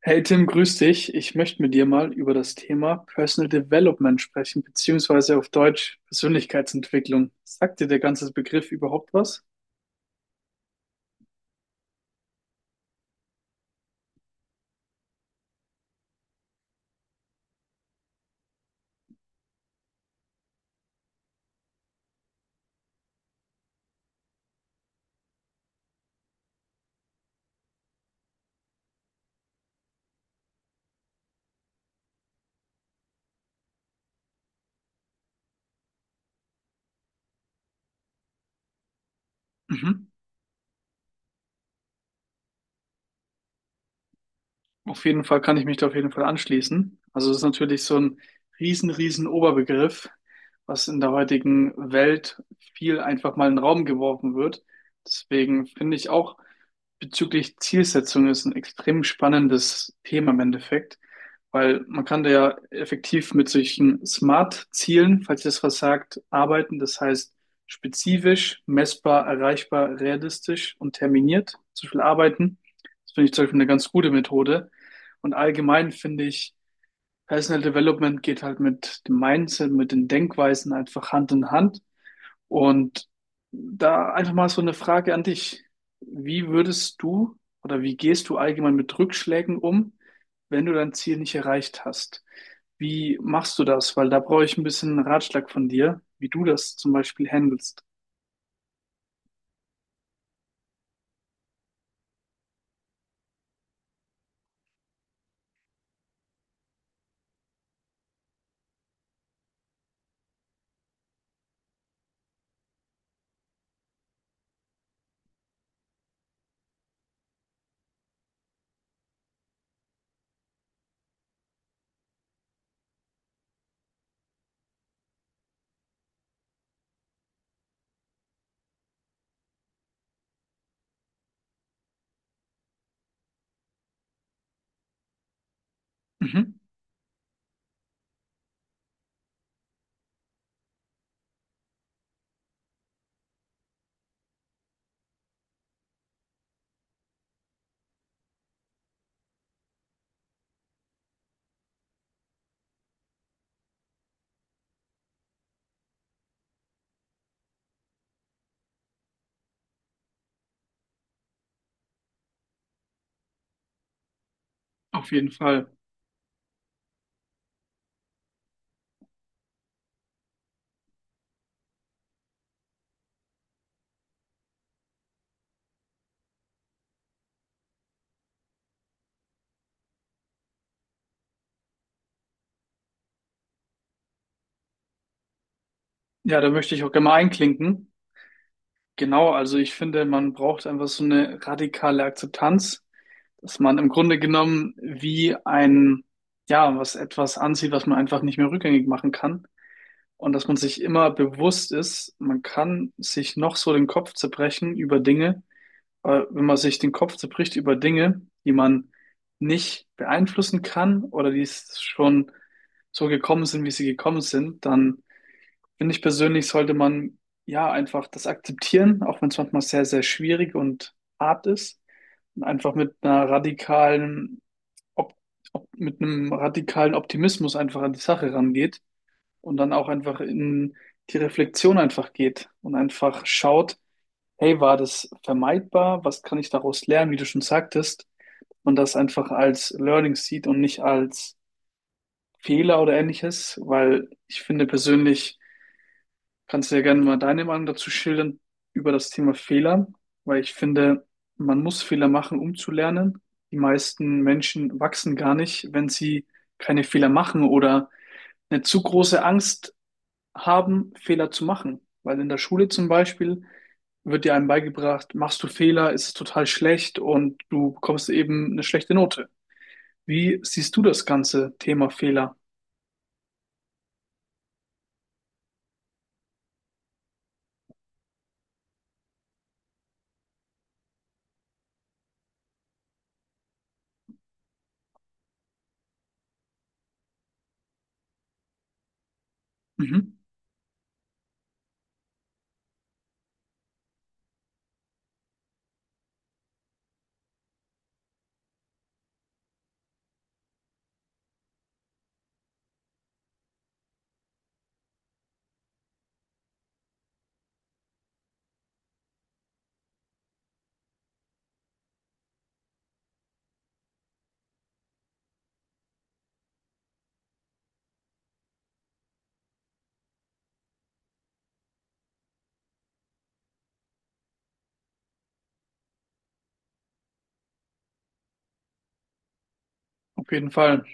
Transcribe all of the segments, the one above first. Hey Tim, grüß dich. Ich möchte mit dir mal über das Thema Personal Development sprechen, beziehungsweise auf Deutsch Persönlichkeitsentwicklung. Sagt dir der ganze Begriff überhaupt was? Mhm. Auf jeden Fall kann ich mich da auf jeden Fall anschließen. Also es ist natürlich so ein riesen, riesen Oberbegriff, was in der heutigen Welt viel einfach mal in den Raum geworfen wird. Deswegen finde ich auch, bezüglich Zielsetzung ist ein extrem spannendes Thema im Endeffekt, weil man kann da ja effektiv mit solchen Smart-Zielen, falls ihr das was sagt, arbeiten. Das heißt spezifisch, messbar, erreichbar, realistisch und terminiert. Zum Beispiel arbeiten. Das finde ich zum Beispiel eine ganz gute Methode. Und allgemein finde ich, Personal Development geht halt mit dem Mindset, mit den Denkweisen einfach Hand in Hand. Und da einfach mal so eine Frage an dich. Wie würdest du oder wie gehst du allgemein mit Rückschlägen um, wenn du dein Ziel nicht erreicht hast? Wie machst du das? Weil da brauche ich ein bisschen einen Ratschlag von dir, wie du das zum Beispiel handelst. Mhm, auf jeden Fall. Ja, da möchte ich auch gerne mal einklinken. Genau, also ich finde, man braucht einfach so eine radikale Akzeptanz, dass man im Grunde genommen wie ein, ja, was etwas ansieht, was man einfach nicht mehr rückgängig machen kann. Und dass man sich immer bewusst ist, man kann sich noch so den Kopf zerbrechen über Dinge, aber wenn man sich den Kopf zerbricht über Dinge, die man nicht beeinflussen kann oder die es schon so gekommen sind, wie sie gekommen sind, dann finde ich persönlich, sollte man ja einfach das akzeptieren, auch wenn es manchmal sehr, sehr schwierig und hart ist. Und einfach mit einer radikalen, Op- mit einem radikalen Optimismus einfach an die Sache rangeht und dann auch einfach in die Reflexion einfach geht und einfach schaut, hey, war das vermeidbar? Was kann ich daraus lernen, wie du schon sagtest? Und das einfach als Learning sieht und nicht als Fehler oder ähnliches, weil ich finde persönlich, kannst du ja gerne mal deine Meinung dazu schildern über das Thema Fehler, weil ich finde, man muss Fehler machen, um zu lernen. Die meisten Menschen wachsen gar nicht, wenn sie keine Fehler machen oder eine zu große Angst haben, Fehler zu machen. Weil in der Schule zum Beispiel wird dir einem beigebracht, machst du Fehler, ist es total schlecht und du bekommst eben eine schlechte Note. Wie siehst du das ganze Thema Fehler? Mhm. Auf jeden Fall,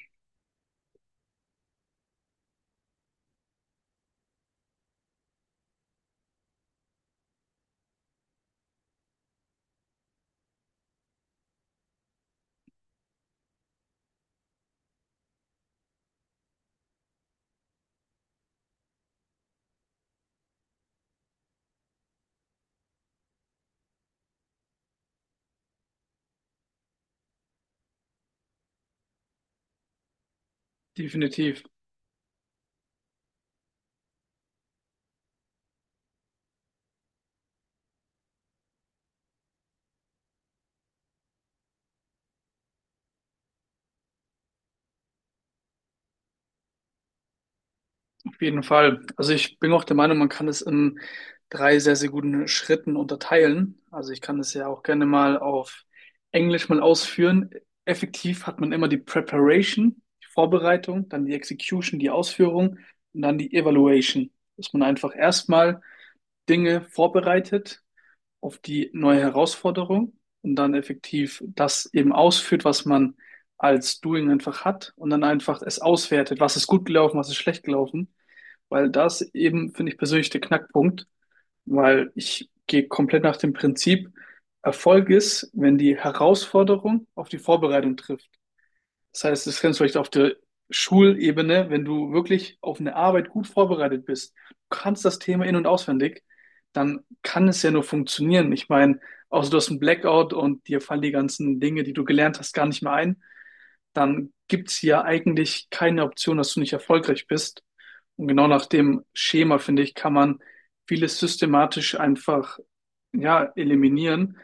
definitiv. Auf jeden Fall. Also ich bin auch der Meinung, man kann es in drei sehr, sehr guten Schritten unterteilen. Also ich kann es ja auch gerne mal auf Englisch mal ausführen. Effektiv hat man immer die Preparation, die Vorbereitung, dann die Execution, die Ausführung und dann die Evaluation. Dass man einfach erstmal Dinge vorbereitet auf die neue Herausforderung und dann effektiv das eben ausführt, was man als Doing einfach hat und dann einfach es auswertet, was ist gut gelaufen, was ist schlecht gelaufen, weil das eben, finde ich persönlich, der Knackpunkt, weil ich gehe komplett nach dem Prinzip, Erfolg ist, wenn die Herausforderung auf die Vorbereitung trifft. Das heißt, das kannst du vielleicht auf der Schulebene, wenn du wirklich auf eine Arbeit gut vorbereitet bist, du kannst das Thema in- und auswendig, dann kann es ja nur funktionieren. Ich meine, außer du hast einen Blackout und dir fallen die ganzen Dinge, die du gelernt hast, gar nicht mehr ein, dann gibt's ja eigentlich keine Option, dass du nicht erfolgreich bist. Und genau nach dem Schema, finde ich, kann man vieles systematisch einfach, ja, eliminieren,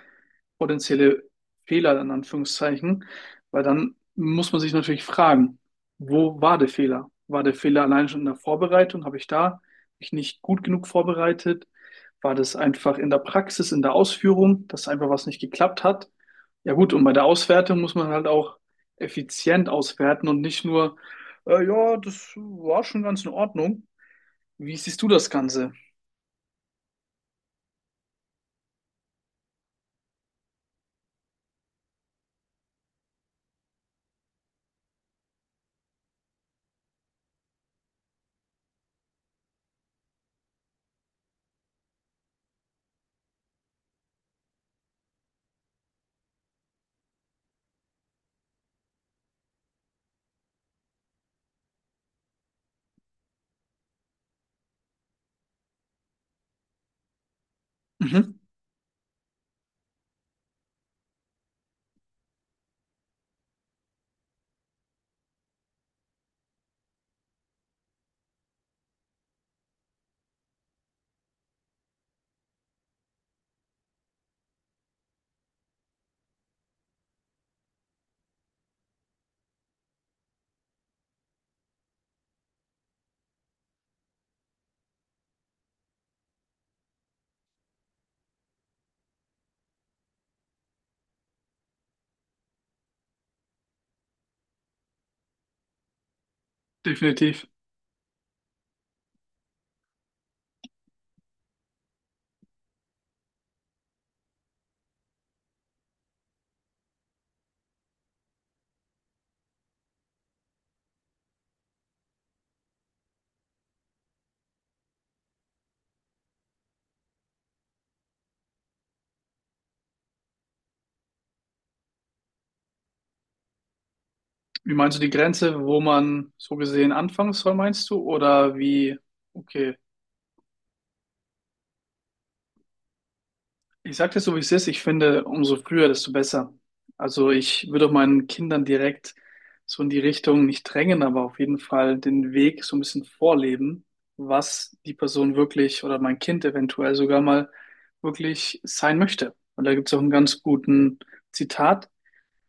potenzielle Fehler in Anführungszeichen, weil dann muss man sich natürlich fragen, wo war der Fehler? War der Fehler allein schon in der Vorbereitung? Habe ich da mich nicht gut genug vorbereitet? War das einfach in der Praxis, in der Ausführung, dass einfach was nicht geklappt hat? Ja gut, und bei der Auswertung muss man halt auch effizient auswerten und nicht nur, ja, das war schon ganz in Ordnung. Wie siehst du das Ganze? Mhm, definitiv. Wie meinst du die Grenze, wo man so gesehen anfangen soll, meinst du? Oder wie, okay. Ich sage dir so, wie es ist. Ich finde, umso früher, desto besser. Also ich würde auch meinen Kindern direkt so in die Richtung nicht drängen, aber auf jeden Fall den Weg so ein bisschen vorleben, was die Person wirklich oder mein Kind eventuell sogar mal wirklich sein möchte. Und da gibt es auch einen ganz guten Zitat.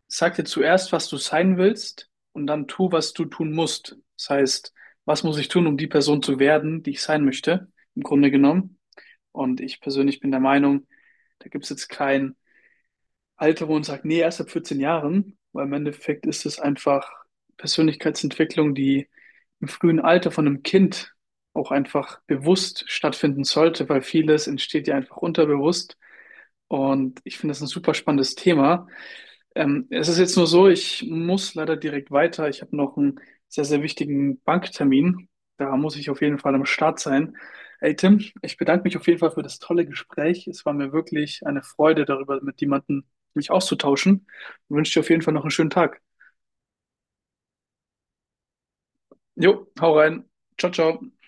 Sag dir zuerst, was du sein willst und dann tu, was du tun musst. Das heißt, was muss ich tun, um die Person zu werden, die ich sein möchte, im Grunde genommen. Und ich persönlich bin der Meinung, da gibt es jetzt kein Alter, wo man sagt, nee, erst ab 14 Jahren, weil im Endeffekt ist es einfach Persönlichkeitsentwicklung, die im frühen Alter von einem Kind auch einfach bewusst stattfinden sollte, weil vieles entsteht ja einfach unterbewusst. Und ich finde das ein super spannendes Thema. Es ist jetzt nur so, ich muss leider direkt weiter. Ich habe noch einen sehr, sehr wichtigen Banktermin. Da muss ich auf jeden Fall am Start sein. Hey Tim, ich bedanke mich auf jeden Fall für das tolle Gespräch. Es war mir wirklich eine Freude, darüber mit jemandem mich auszutauschen. Ich wünsche dir auf jeden Fall noch einen schönen Tag. Jo, hau rein. Ciao, ciao.